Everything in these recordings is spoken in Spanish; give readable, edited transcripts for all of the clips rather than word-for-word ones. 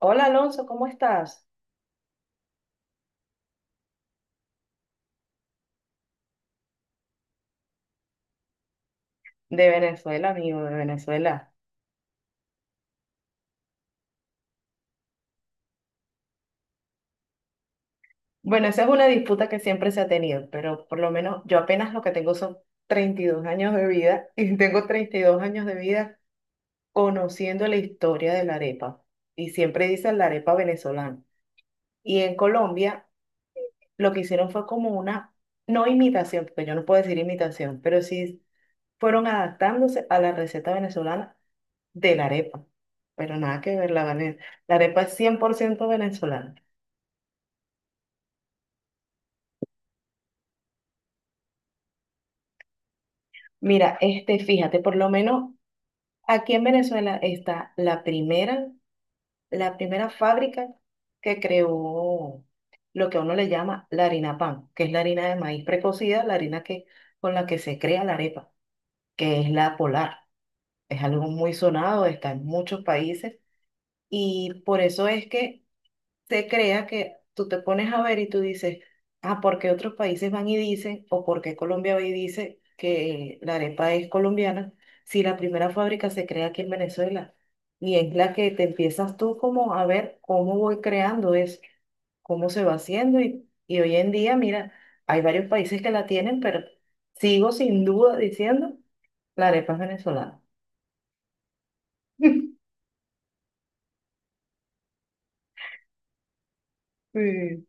Hola Alonso, ¿cómo estás? De Venezuela, amigo, de Venezuela. Bueno, esa es una disputa que siempre se ha tenido, pero por lo menos yo apenas lo que tengo son 32 años de vida y tengo 32 años de vida conociendo la historia de la arepa. Y siempre dicen la arepa venezolana. Y en Colombia lo que hicieron fue como una, no imitación, porque yo no puedo decir imitación, pero sí fueron adaptándose a la receta venezolana de la arepa. Pero nada que ver, la, vene- la arepa es 100% venezolana. Mira, fíjate, por lo menos aquí en Venezuela está la primera fábrica que creó lo que a uno le llama la harina pan, que es la harina de maíz precocida, la harina que, con la que se crea la arepa, que es la polar. Es algo muy sonado, está en muchos países y por eso es que se crea que tú te pones a ver y tú dices, ah, ¿por qué otros países van y dicen, o por qué Colombia va y dice que la arepa es colombiana, si la primera fábrica se crea aquí en Venezuela? Y es la que te empiezas tú como a ver cómo voy creando eso, cómo se va haciendo. Y hoy en día, mira, hay varios países que la tienen, pero sigo sin duda diciendo, la arepa es venezolana. Sí.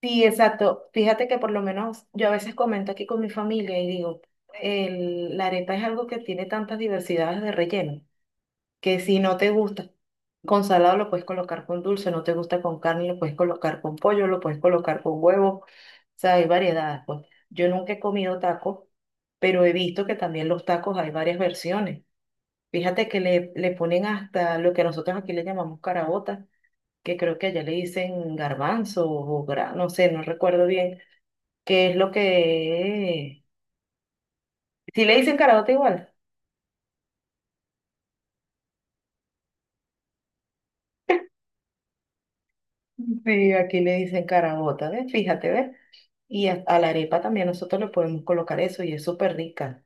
Sí, exacto. Fíjate que por lo menos yo a veces comento aquí con mi familia y digo, la arepa es algo que tiene tantas diversidades de relleno, que si no te gusta con salado lo puedes colocar con dulce, no te gusta con carne lo puedes colocar con pollo, lo puedes colocar con huevo, o sea, hay variedades, pues. Yo nunca he comido tacos, pero he visto que también los tacos hay varias versiones. Fíjate que le ponen hasta lo que nosotros aquí le llamamos carabota, que creo que allá le dicen garbanzo o no sé, no recuerdo bien que es lo que. Si le dicen carabota igual. Sí, aquí le dicen carabota, ¿ves? Fíjate, ¿ves? Y a la arepa también nosotros le podemos colocar eso y es súper rica.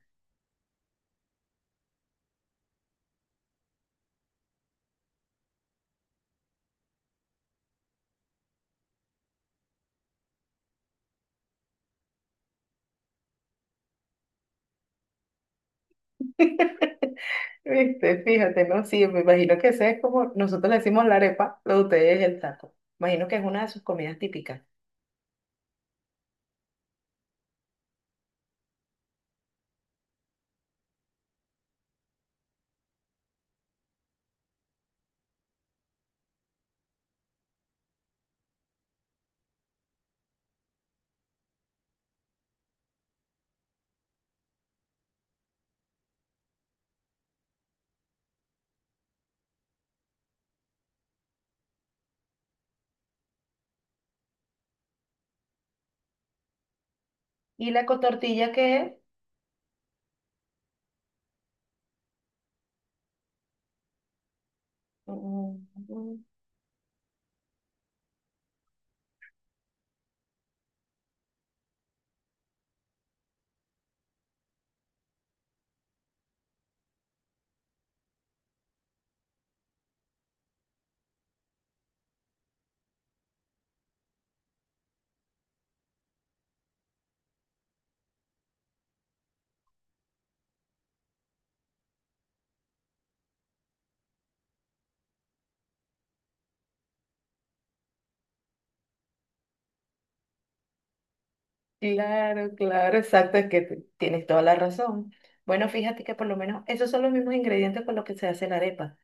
Viste, fíjate, ¿no? Sí, me imagino que ese es como, nosotros le decimos la arepa, lo de ustedes es el taco. Imagino que es una de sus comidas típicas. ¿Y la cotortilla qué es? Mm. Claro, claro, exacto, es que tienes toda la razón. Bueno, fíjate que por lo menos esos son los mismos ingredientes con los que se hace la arepa.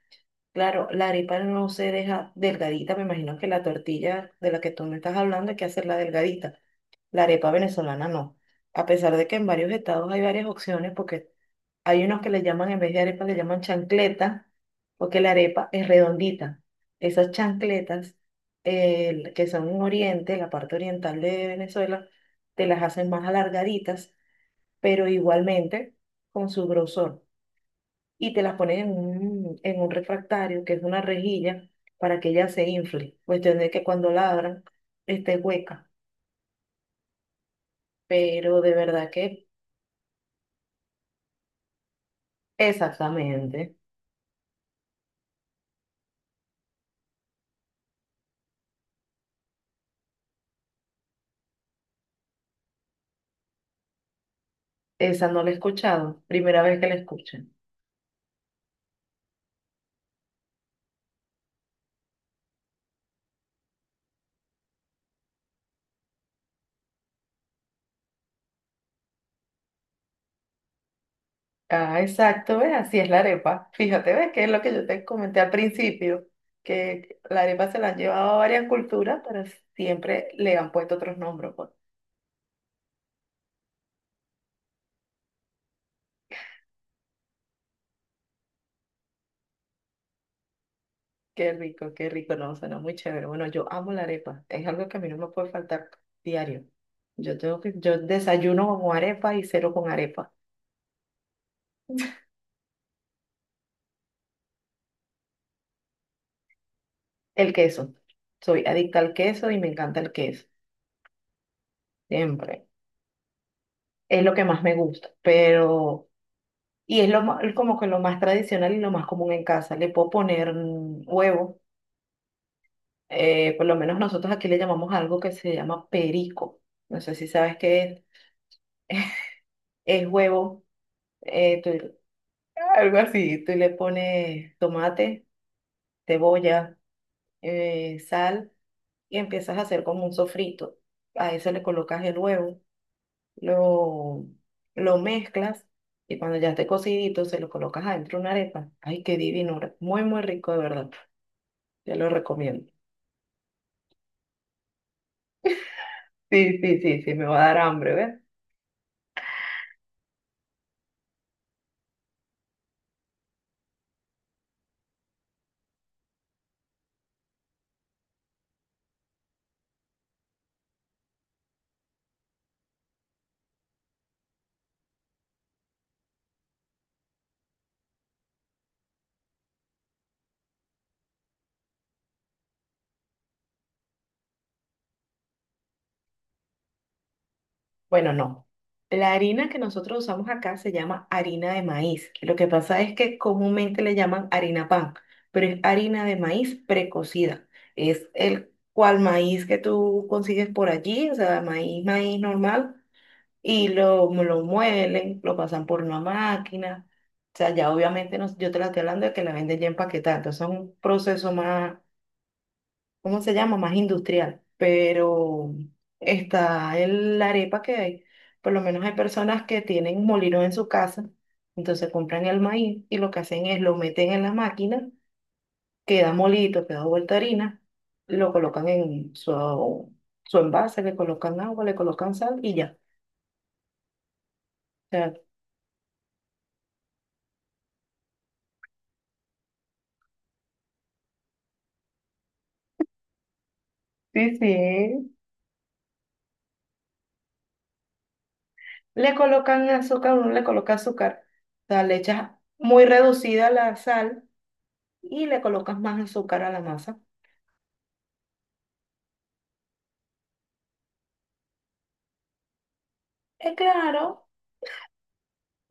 Claro, la arepa no se deja delgadita, me imagino que la tortilla de la que tú me estás hablando hay que hacerla delgadita, la arepa venezolana no, a pesar de que en varios estados hay varias opciones, porque hay unos que le llaman, en vez de arepa le llaman chancleta, porque la arepa es redondita. Esas chancletas que son en Oriente, la parte oriental de Venezuela, te las hacen más alargaditas, pero igualmente con su grosor y te las pones en en un refractario, que es una rejilla, para que ella se infle. Cuestión de que cuando ladran esté hueca. Pero de verdad que exactamente, esa no la he escuchado, primera vez que la escucho. Ah, exacto, ¿ves? Así es la arepa. Fíjate, ¿ves? Que es lo que yo te comenté al principio, que la arepa se la han llevado a varias culturas, pero siempre le han puesto otros nombres, pues. Qué rico, no, suena muy chévere. Bueno, yo amo la arepa, es algo que a mí no me puede faltar diario. Yo tengo que, yo desayuno con arepa y cero con arepa. El queso, soy adicta al queso y me encanta el queso, siempre. Es lo que más me gusta, pero, y es lo como que lo más tradicional y lo más común en casa. Le puedo poner huevo, por lo menos nosotros aquí le llamamos algo que se llama perico. No sé si sabes qué es huevo. Algo así, tú le pones tomate, cebolla, sal y empiezas a hacer como un sofrito. A eso le colocas el huevo, lo, lo mezclas y cuando ya esté cocidito se lo colocas adentro de una arepa. Ay, qué divino, muy, muy rico de verdad. Te lo recomiendo. Sí, sí, sí, sí, me va a dar hambre, ¿ves? Bueno, no. La harina que nosotros usamos acá se llama harina de maíz. Lo que pasa es que comúnmente le llaman harina pan, pero es harina de maíz precocida. Es el cual maíz que tú consigues por allí, o sea, maíz, maíz normal, y lo muelen, lo pasan por una máquina. O sea, ya obviamente yo te la estoy hablando de que la venden ya empaquetada, entonces es un proceso más, ¿cómo se llama? Más industrial, pero está la arepa que hay. Por lo menos hay personas que tienen molinos en su casa, entonces compran el maíz y lo que hacen es lo meten en la máquina, queda molito, queda vuelta harina, lo colocan en su envase, le colocan agua, le colocan sal y ya. O sea, sí, sí. Le colocan azúcar, uno le coloca azúcar, o sea, le echas muy reducida la sal y le colocas más azúcar a la masa. Es claro.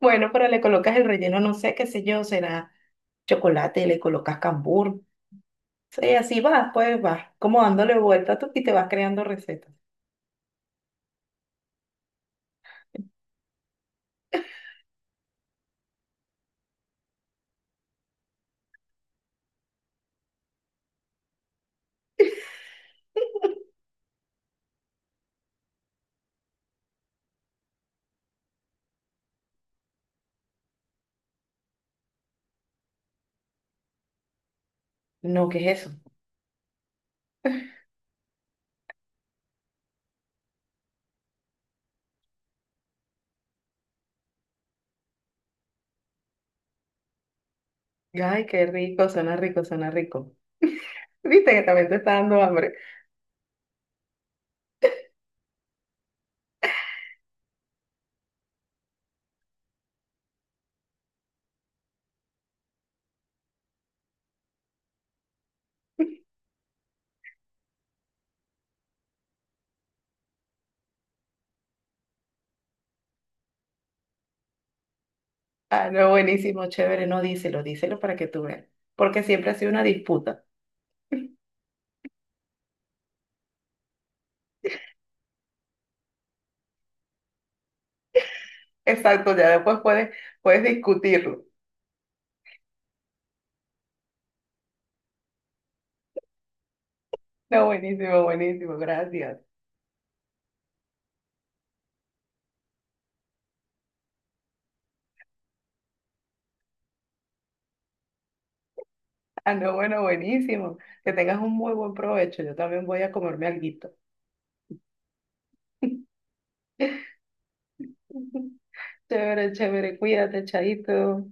Bueno, pero le colocas el relleno, no sé, qué sé yo, será chocolate, le colocas cambur. Sí, así vas, pues vas como dándole vuelta tú y te vas creando recetas. No, ¿qué es eso? Ay, qué rico, suena rico, suena rico. Viste que también te está dando hambre. Ah, no, buenísimo, chévere, no, díselo, díselo para que tú veas. Porque siempre ha sido una disputa. Exacto, ya después puedes, puedes discutirlo. No, buenísimo, buenísimo, gracias. Ah, no, bueno, buenísimo. Que tengas un muy buen provecho. Yo también voy a comerme alguito. Chévere, chévere, cuídate, chaito.